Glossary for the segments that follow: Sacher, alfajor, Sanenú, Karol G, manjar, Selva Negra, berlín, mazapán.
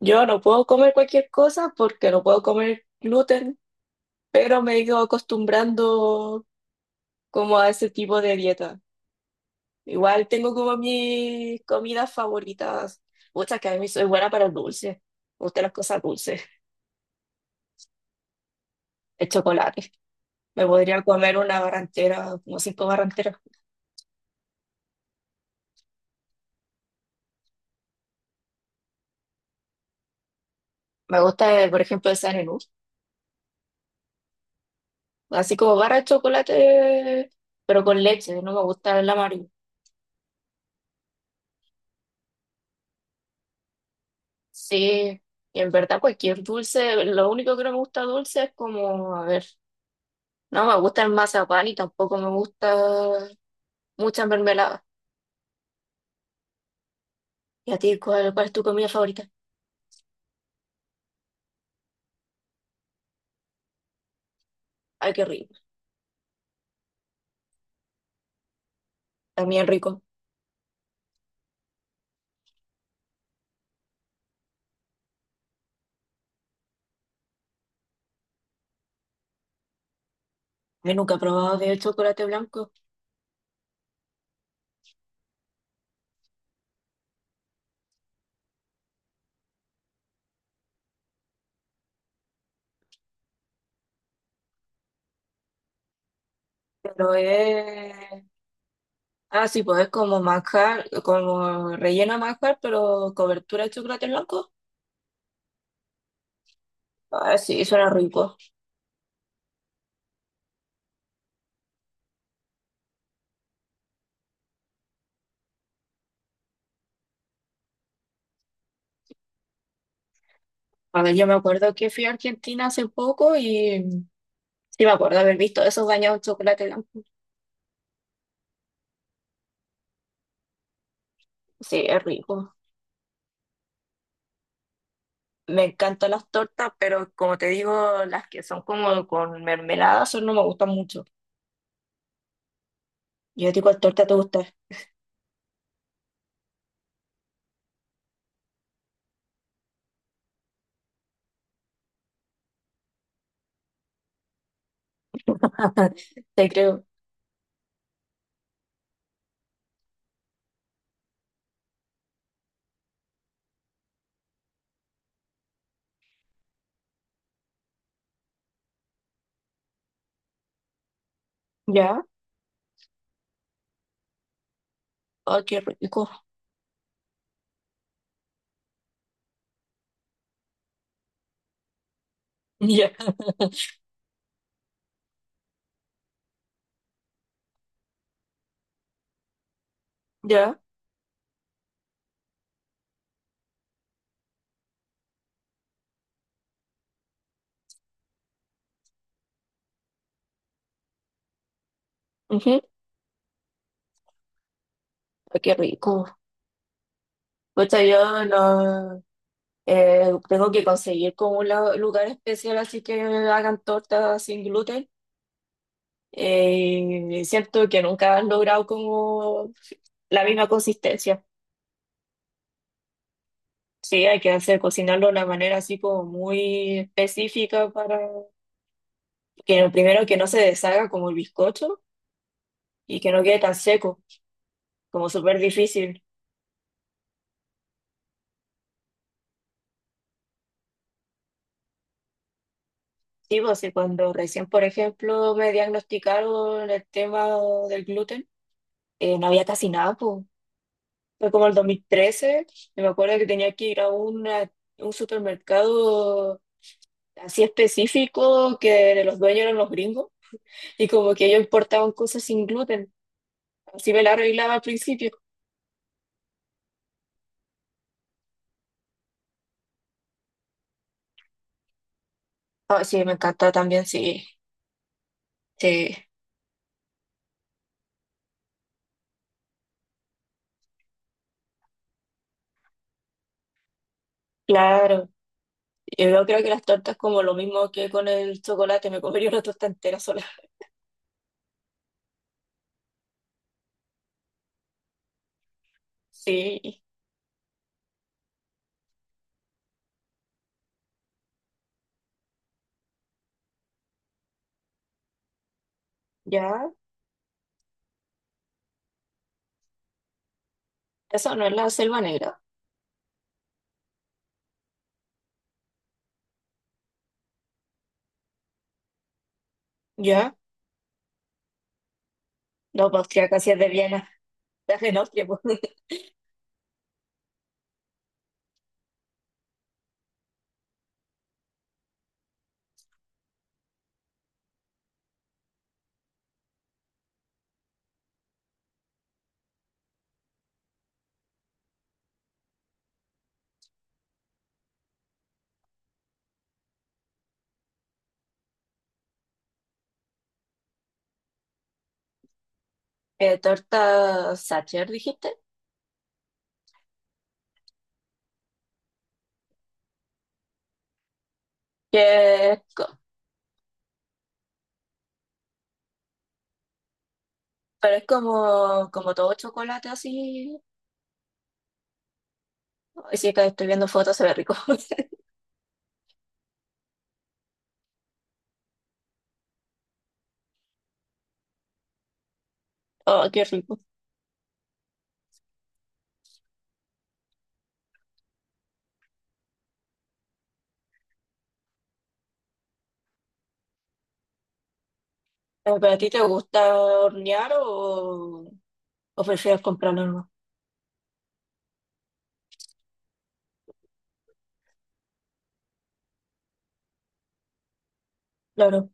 Yo no puedo comer cualquier cosa porque no puedo comer gluten, pero me he ido acostumbrando como a ese tipo de dieta. Igual tengo como mis comidas favoritas. Muchas que a mí soy buena para el dulce. Me gustan las cosas dulces, el chocolate. Me podría comer una barra entera, como cinco barras enteras. Me gusta, por ejemplo, el Sanenú. Así como barra de chocolate, pero con leche. No me gusta el amarillo. Sí, y en verdad cualquier dulce, lo único que no me gusta dulce es como, a ver, no me gusta el mazapán y tampoco me gusta muchas mermeladas. ¿Y a ti cuál es tu comida favorita? Ay, qué rico, también rico. Yo nunca he probado de chocolate blanco, pero es... Ah, sí, pues es como manjar, como relleno de manjar, pero cobertura de chocolate blanco. Ah, sí, suena rico. A ver, yo me acuerdo que fui a Argentina hace poco y sí me acuerdo haber visto esos bañados en chocolate blanco. Sí, es rico. Me encantan las tortas, pero como te digo, las que son como con mermelada, eso no me gustan mucho. Yo digo, ¿cuál torta te gusta? Te creo. ¿Ya? Ay, qué rico. Ya, ya. Ujú, ay, qué rico. Pues yo no, tengo que conseguir como un lugar especial así que hagan tortas sin gluten. Siento que nunca han logrado como la misma consistencia. Sí, hay que hacer cocinarlo de una manera así como muy específica para que lo primero que no se deshaga como el bizcocho y que no quede tan seco, como súper difícil. Sí, pues sí, cuando recién, por ejemplo, me diagnosticaron el tema del gluten, no había casi nada, pues. Fue como el 2013, y me acuerdo que tenía que ir a un supermercado así específico que los dueños eran los gringos y como que ellos importaban cosas sin gluten. Así me la arreglaba al principio. Ah, sí, me encanta también, sí. Sí, claro. Yo creo que las tortas como lo mismo que con el chocolate, me comería una torta entera sola. Sí, ya. Eso no es la selva negra. Ya. No, pues austríaca sí es de Viena. Es en Austria, pues. Torta Sacher, dijiste. Que es co- pero es como, como todo chocolate así. Ay, sí, que estoy viendo fotos, se ve rico. Oh, qué rico. ¿Pero a ti te gusta hornear o prefieres comprarlo? ¿No?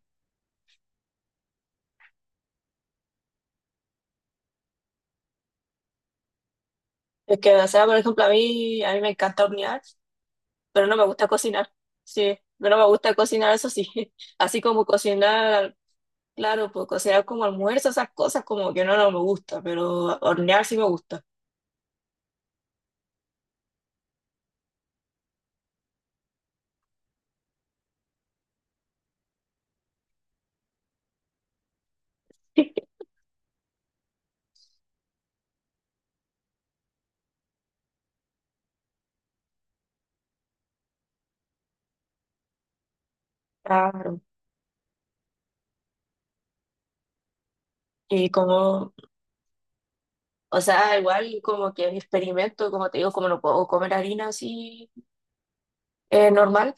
Es que, o sea, por ejemplo, a mí me encanta hornear, pero no me gusta cocinar. Sí, pero no me gusta cocinar, eso sí. Así como cocinar, claro, pues cocinar como almuerzo, esas cosas como que no, no me gusta, pero hornear sí me gusta. Claro. Y como, o sea, igual como que mi experimento, como te digo, como no puedo comer harina así normal,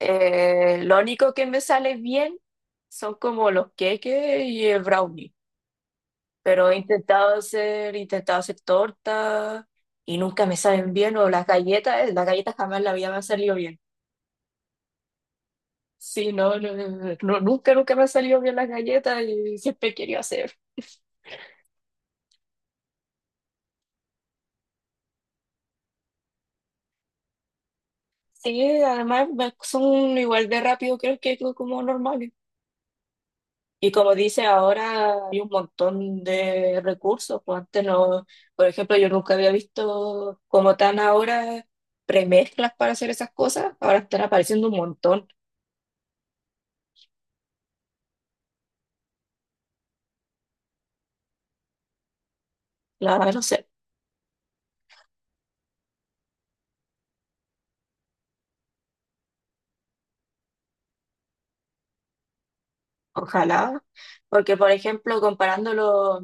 lo único que me sale bien son como los queques y el brownie. Pero he intentado hacer torta y nunca me saben bien, o las galletas jamás en la vida me han salido bien. Sí, no, no, no, no, nunca me han salido bien las galletas y siempre he querido hacer. Sí, además son igual de rápido creo que como normales. Y como dice, ahora hay un montón de recursos, pues antes no, por ejemplo, yo nunca había visto como tan ahora premezclas para hacer esas cosas, ahora están apareciendo un montón. La verdad no sé, ojalá. Porque, por ejemplo, comparándolo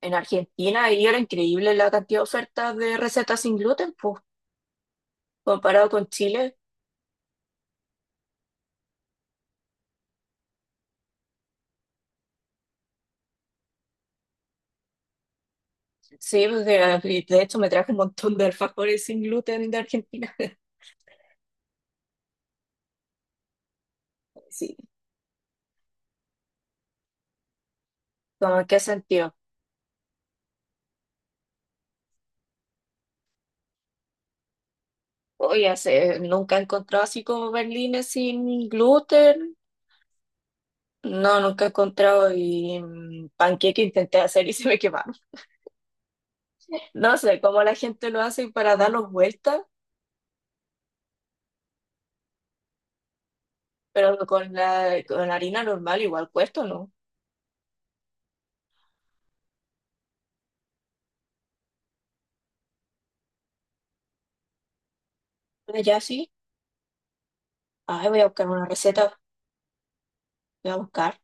en Argentina, ahí era increíble la cantidad de ofertas de recetas sin gluten, pues, comparado con Chile. Sí, pues, de, y de hecho me traje un montón de alfajores sin gluten de Argentina. Sí, como en qué sentido. Oye, nunca he encontrado así como berlines sin gluten. No, nunca he encontrado y mm, panqueque intenté hacer y se me quemaron. No sé cómo la gente lo hace para darlos vueltas, pero con con la harina normal igual cuesta, ¿no? Ya sí. Ay, voy a buscar una receta, voy a buscar.